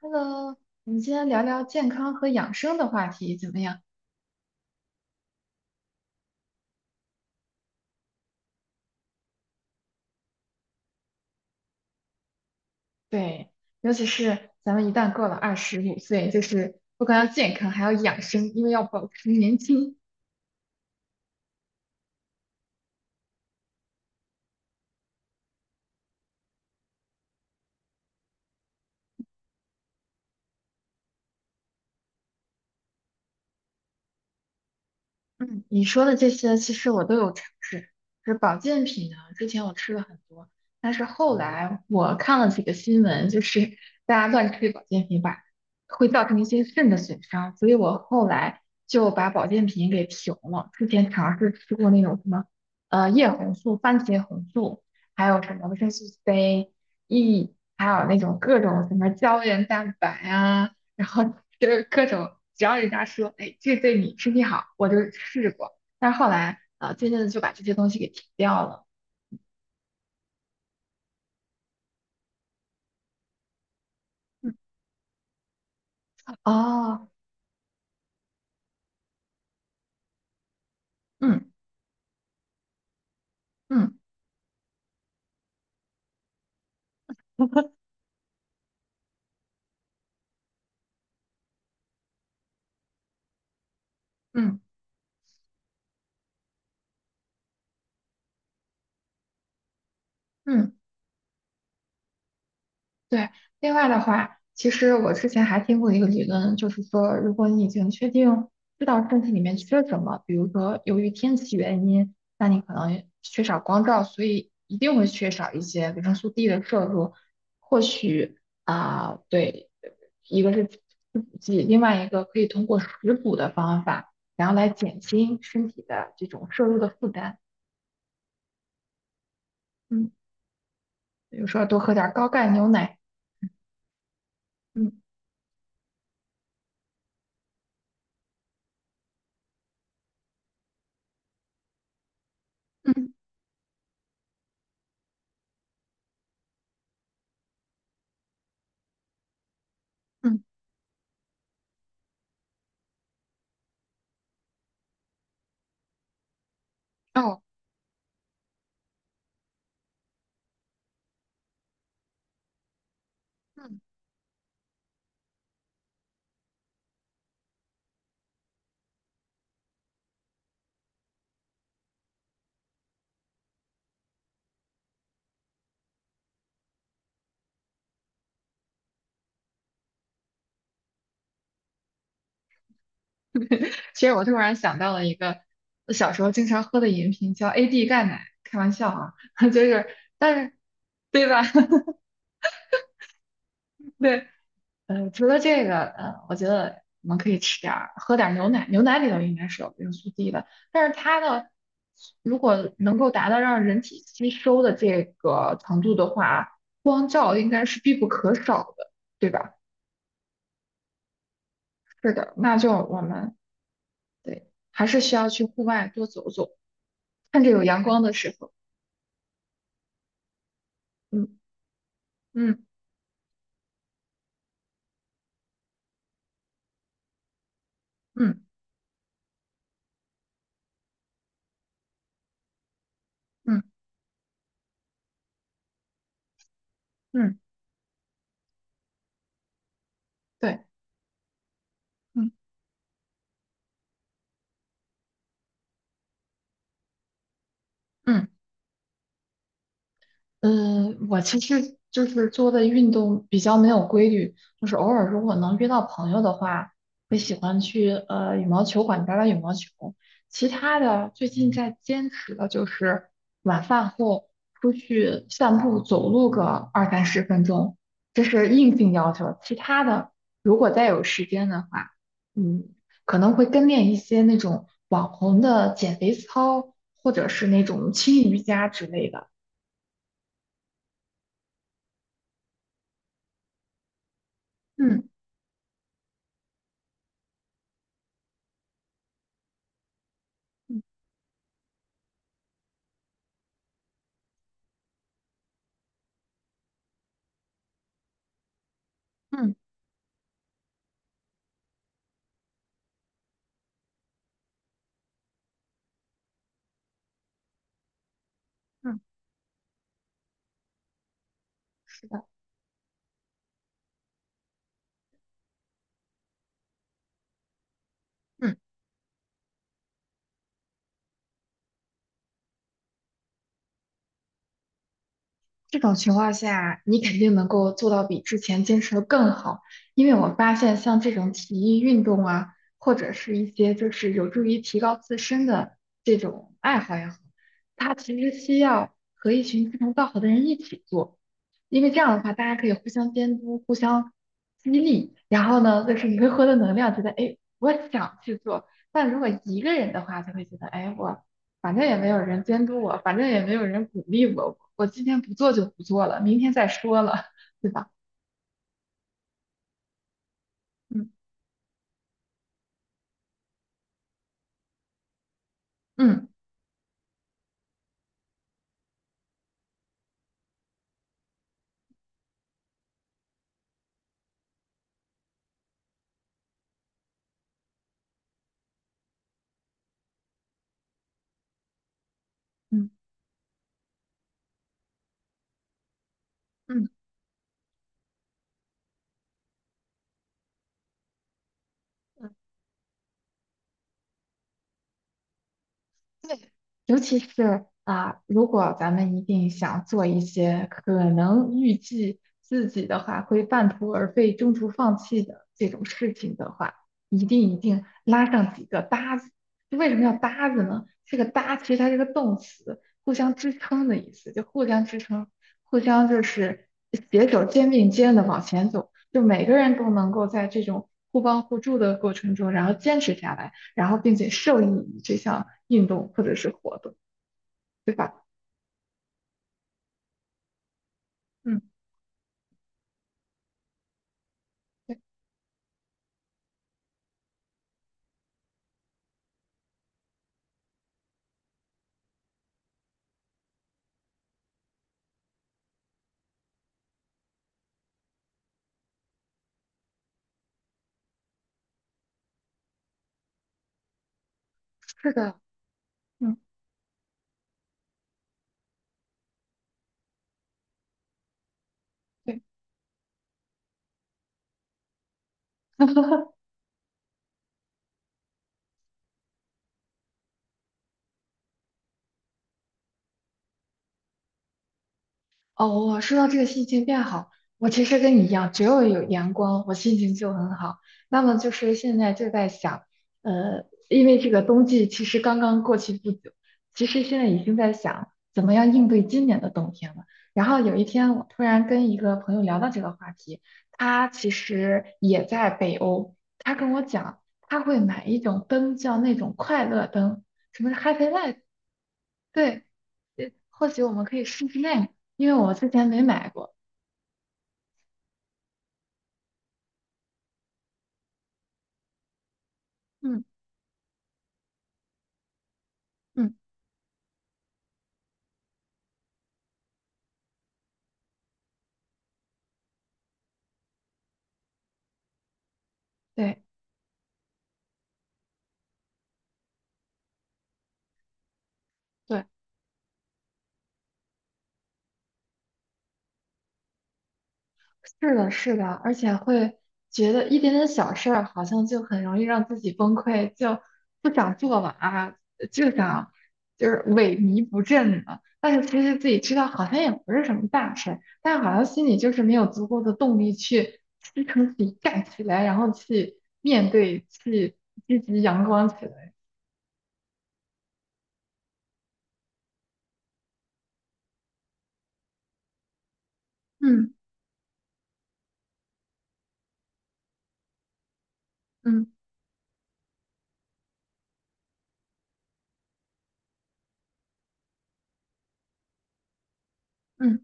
Hello，我们今天聊聊健康和养生的话题怎么样？对。尤其是咱们一旦过了25岁，就是不光要健康，还要养生，因为要保持年轻。嗯，你说的这些其实我都有尝试。就是保健品呢，之前我吃了很多，但是后来我看了几个新闻，就是大家乱吃保健品吧，会造成一些肾的损伤，所以我后来就把保健品给停了。之前尝试吃过那种什么，叶红素、番茄红素，还有什么维生素 C、E，还有那种各种什么胶原蛋白啊，然后。就是各种，只要人家说，哎，这对你身体好，我就试过。但是后来啊，渐渐的就把这些东西给停掉了。嗯哦，嗯嗯嗯嗯，对。另外的话，其实我之前还听过一个理论，就是说，如果你已经确定知道身体里面缺什么，比如说由于天气原因，那你可能缺少光照，所以一定会缺少一些维生素 D 的摄入。或许啊，对，一个是吃补剂，另外一个可以通过食补的方法，然后来减轻身体的这种摄入的负担。嗯，比如说多喝点儿高钙牛奶。嗯嗯嗯哦。其实我突然想到了一个我小时候经常喝的饮品，叫 AD 钙奶。开玩笑啊，就是，但是，对吧？对，除了这个，我觉得我们可以吃点儿，喝点儿牛奶。牛奶里头应该是有维生素 D 的，但是它呢，如果能够达到让人体吸收的这个程度的话，光照应该是必不可少的，对吧？是的，那就我们对，还是需要去户外多走走，趁着有阳光的时候。嗯嗯。嗯嗯嗯，对，嗯，嗯。嗯，我其实就是做的运动比较没有规律，就是偶尔如果能约到朋友的话，会喜欢去羽毛球馆打打羽毛球。其他的最近在坚持的就是晚饭后出去散步走路个二三十分钟，这是硬性要求。其他的如果再有时间的话，嗯，可能会跟练一些那种网红的减肥操，或者是那种轻瑜伽之类的。嗯。嗯嗯，是的，嗯，这种情况下，你肯定能够做到比之前坚持的更好，因为我发现像这种体育运动啊，或者是一些就是有助于提高自身的这种爱好也好，它其实需要和一群志同道合的人一起做，因为这样的话，大家可以互相监督、互相激励，然后呢，就是你会获得能量，觉得哎，我想去做。但如果一个人的话，就会觉得，哎，我反正也没有人监督我，反正也没有人鼓励我，我今天不做就不做了，明天再说了，对吧？嗯嗯嗯嗯，嗯对，尤其是啊，如果咱们一定想做一些可能预计自己的话会半途而废、中途放弃的这种事情的话，一定一定拉上几个搭子。就为什么要搭子呢？这个搭其实它是个动词，互相支撑的意思，就互相支撑，互相就是携手肩并肩的往前走，就每个人都能够在这种互帮互助的过程中，然后坚持下来。然后并且受益于这项运动或者是活动，对吧？嗯，对，是的，嗯，对。哦，我说到这个心情变好，我其实跟你一样，只要有阳光，我心情就很好。那么就是现在就在想，因为这个冬季其实刚刚过去不久，其实现在已经在想怎么样应对今年的冬天了。然后有一天，我突然跟一个朋友聊到这个话题，他其实也在北欧，他跟我讲，他会买一种灯，叫那种快乐灯，什么是 Happy Light。对，或许我们可以试试那个，因为我之前没买过。嗯嗯，对对，是的，是的，而且会觉得一点点小事儿好像就很容易让自己崩溃，就不想做了啊，就想就是萎靡不振了。但是其实自己知道好像也不是什么大事儿，但好像心里就是没有足够的动力去支撑自己干起来，然后去面对，去积极阳光起来。嗯嗯嗯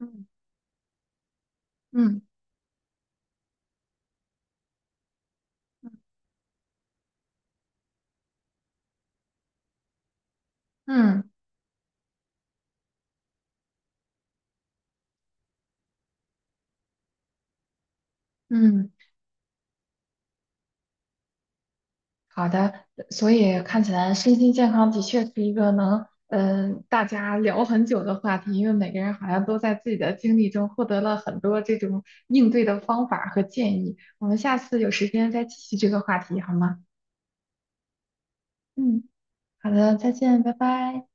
嗯嗯嗯。嗯，好的，所以看起来身心健康的确是一个能，大家聊很久的话题，因为每个人好像都在自己的经历中获得了很多这种应对的方法和建议。我们下次有时间再继续这个话题，好吗？嗯，好的，再见，拜拜。